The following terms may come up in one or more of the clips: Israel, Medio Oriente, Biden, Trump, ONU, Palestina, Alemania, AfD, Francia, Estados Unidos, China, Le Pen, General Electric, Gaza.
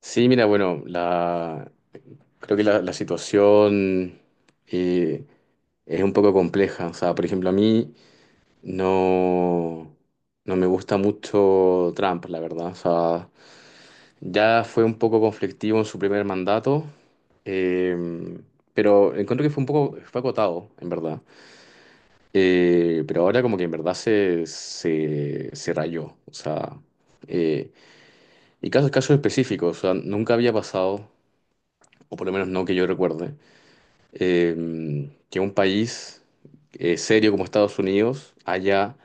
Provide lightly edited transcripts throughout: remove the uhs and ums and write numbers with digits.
Sí, mira, bueno, creo que la situación eh, es un poco compleja. O sea, por ejemplo, a mí no, no me gusta mucho Trump, la verdad. O sea, ya fue un poco conflictivo en su primer mandato, eh, pero encuentro que fue acotado, en verdad. Pero ahora como que en verdad se rayó. O sea, eh, y casos específicos, o sea, nunca había pasado, o por lo menos no que yo recuerde, que un país serio como Estados Unidos haya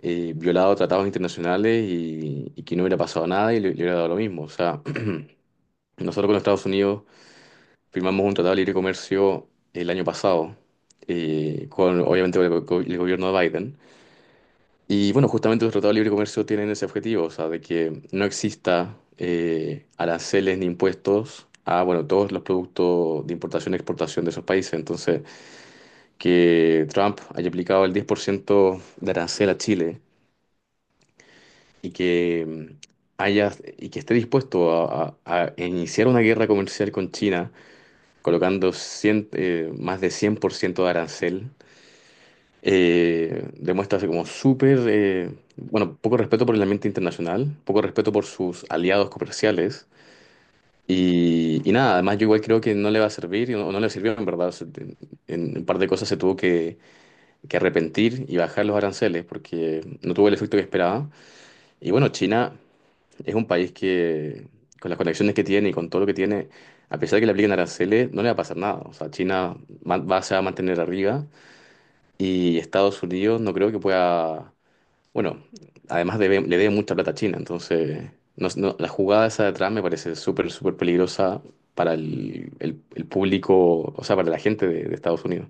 violado tratados internacionales y que no hubiera pasado nada y le hubiera dado lo mismo. O sea, nosotros con Estados Unidos firmamos un tratado de libre comercio el año pasado, con obviamente con el gobierno de Biden. Y bueno, justamente los tratados de libre comercio tienen ese objetivo, o sea, de que no exista aranceles ni impuestos a, bueno, todos los productos de importación y exportación de esos países. Entonces, que Trump haya aplicado el 10% de arancel a Chile y que haya y que esté dispuesto a iniciar una guerra comercial con China, colocando 100, más de 100% de arancel, demuestra así como súper, bueno, poco respeto por el ambiente internacional, poco respeto por sus aliados comerciales. Y nada, además yo igual creo que no le va a servir, o no, no le sirvió en verdad. O sea, en un par de cosas se tuvo que arrepentir y bajar los aranceles porque no tuvo el efecto que esperaba. Y bueno, China es un país que, con las conexiones que tiene y con todo lo que tiene, a pesar de que le apliquen aranceles, no le va a pasar nada. O sea, China se va a mantener arriba y Estados Unidos no creo que pueda. Bueno, además le debe mucha plata a China, entonces la jugada esa de atrás me parece súper, súper peligrosa para el público, o sea, para la gente de Estados Unidos.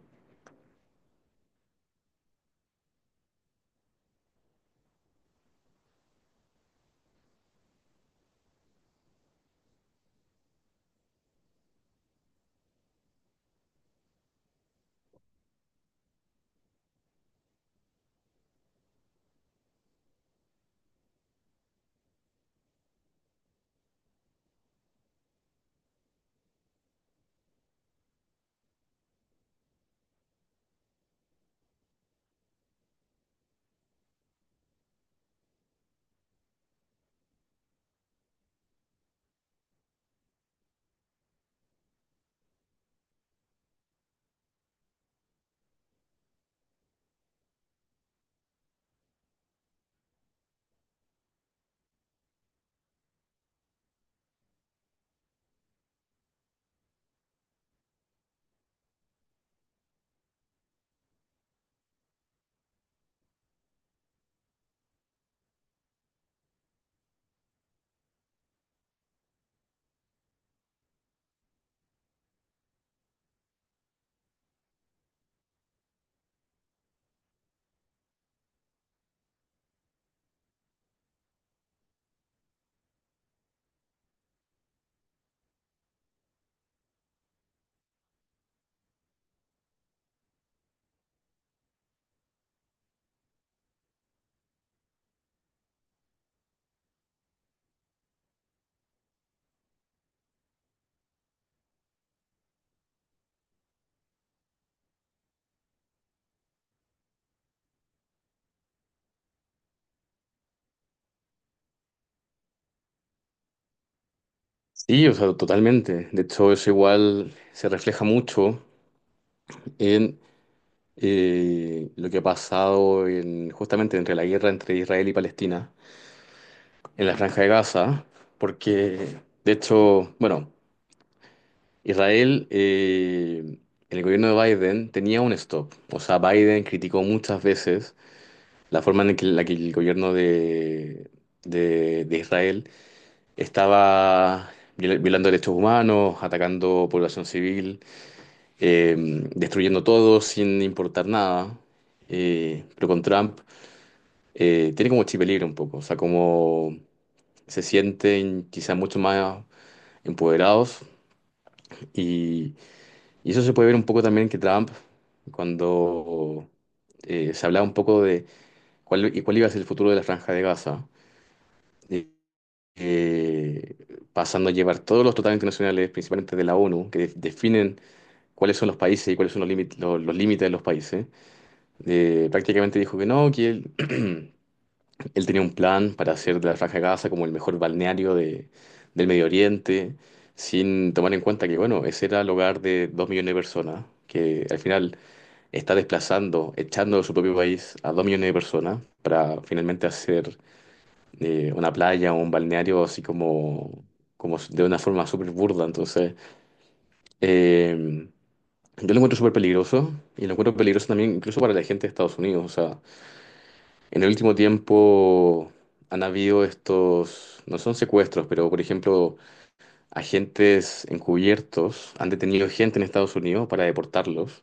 Sí, o sea, totalmente. De hecho, eso igual se refleja mucho en lo que ha pasado en, justamente entre la guerra entre Israel y Palestina, en la Franja de Gaza, porque, de hecho, bueno, Israel, en el gobierno de Biden tenía un stop. O sea, Biden criticó muchas veces la forma la que el gobierno de Israel estaba violando derechos humanos, atacando población civil, eh, destruyendo todo sin importar nada. Pero con Trump tiene como chip libre un poco, o sea, como se sienten quizá mucho más empoderados, y, y eso se puede ver un poco también que Trump, cuando se hablaba un poco de cuál iba a ser el futuro de la Franja de Gaza, eh, eh, pasando a llevar todos los tratados internacionales, principalmente de la ONU, que definen cuáles son los países y cuáles son los límites, los límites de los países, prácticamente dijo que no, que él, él tenía un plan para hacer de la Franja de Gaza como el mejor balneario del Medio Oriente, sin tomar en cuenta que, bueno, ese era el hogar de dos millones de personas, que al final está desplazando, echando de su propio país a dos millones de personas para finalmente hacer una playa o un balneario así como, como de una forma súper burda. Entonces, eh, yo lo encuentro súper peligroso y lo encuentro peligroso también incluso para la gente de Estados Unidos, o sea. En el último tiempo han habido estos, no son secuestros, pero por ejemplo, agentes encubiertos han detenido gente en Estados Unidos para deportarlos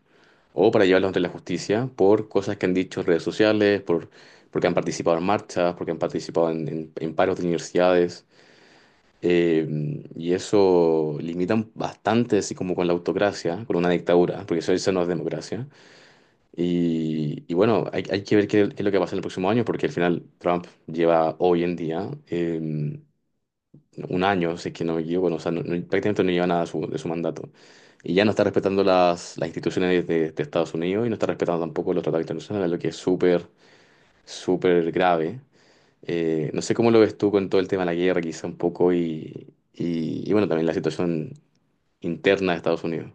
o para llevarlos ante la justicia por cosas que han dicho en redes sociales, porque han participado en marchas, porque han participado en paros de universidades. Eh, y eso limitan bastante, así como con la autocracia, con una dictadura, porque eso no es democracia. Y bueno, hay que ver qué es lo que va a pasar el próximo año, porque al final Trump lleva hoy en día un año, si es que no me equivoco, no, o sea, prácticamente no lleva nada de su mandato. Y ya no está respetando las instituciones de Estados Unidos y no está respetando tampoco los tratados internacionales, lo que es súper, súper grave. No sé cómo lo ves tú con todo el tema de la guerra, quizá un poco, y bueno, también la situación interna de Estados Unidos.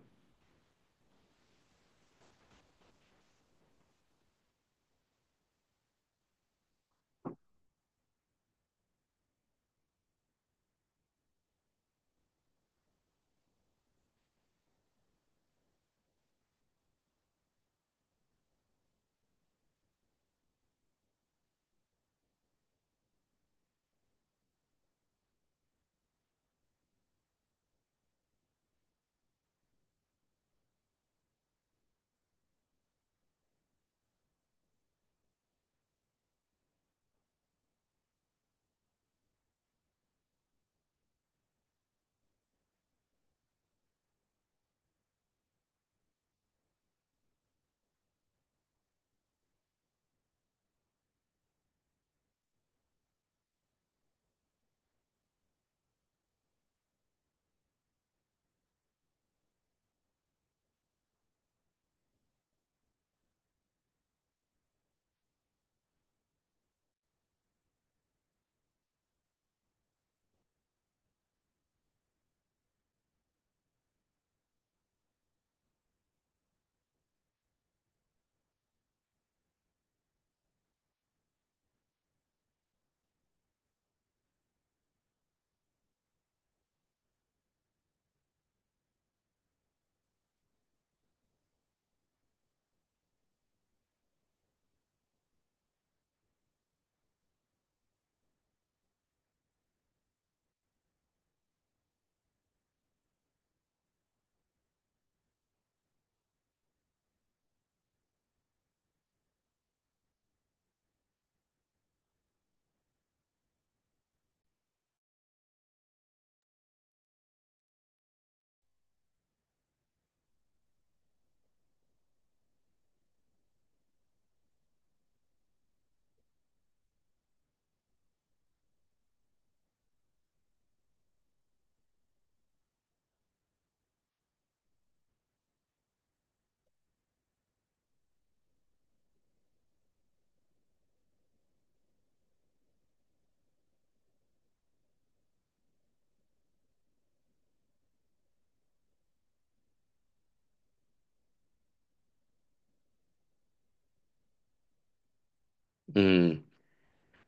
Mm,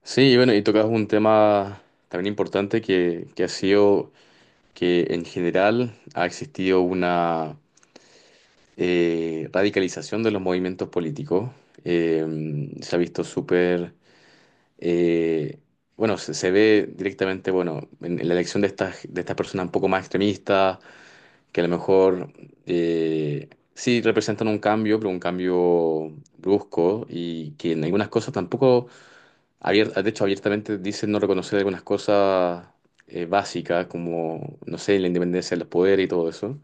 Sí, y bueno, y tocas un tema también importante que ha sido, que en general ha existido una radicalización de los movimientos políticos. Se ha visto súper, eh, bueno, se ve directamente, bueno, en la elección de estas personas un poco más extremistas, que a lo mejor sí representan un cambio, pero un cambio brusco y que en algunas cosas tampoco, de hecho, abiertamente dicen no reconocer algunas cosas básicas, como, no sé, la independencia de los poderes y todo eso.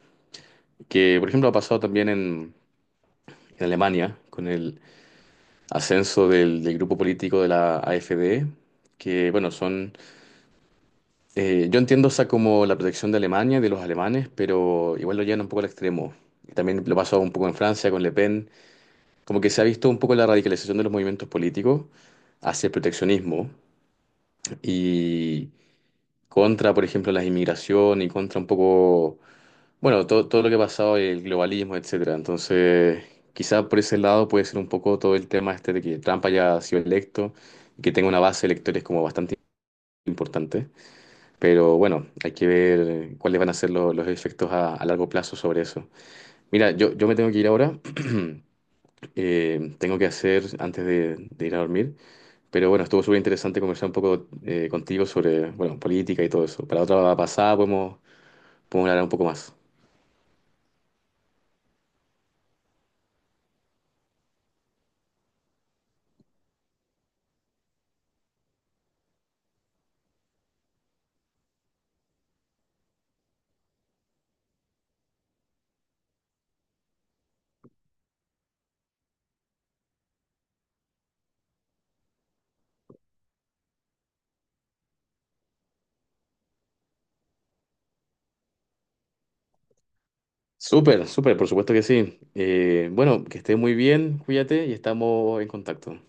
Que, por ejemplo, ha pasado también en Alemania con el ascenso del grupo político de la AfD, que, bueno, yo entiendo esa como la protección de Alemania y de los alemanes, pero igual lo llevan un poco al extremo. Y también lo pasó un poco en Francia con Le Pen. Como que se ha visto un poco la radicalización de los movimientos políticos hacia el proteccionismo. Y contra, por ejemplo, las inmigración, y contra un poco, bueno, todo, lo que ha pasado, el globalismo, etcétera. Entonces, quizá por ese lado puede ser un poco todo el tema este de que Trump haya sido electo y que tenga una base de electores como bastante importante. Pero bueno, hay que ver cuáles van a ser los efectos a largo plazo sobre eso. Mira, yo me tengo que ir ahora. Tengo que hacer antes de ir a dormir. Pero bueno, estuvo súper interesante conversar un poco contigo sobre, bueno, política y todo eso. Para otra pasada podemos hablar un poco más. Súper, súper, por supuesto que sí. Bueno, que estés muy bien, cuídate y estamos en contacto.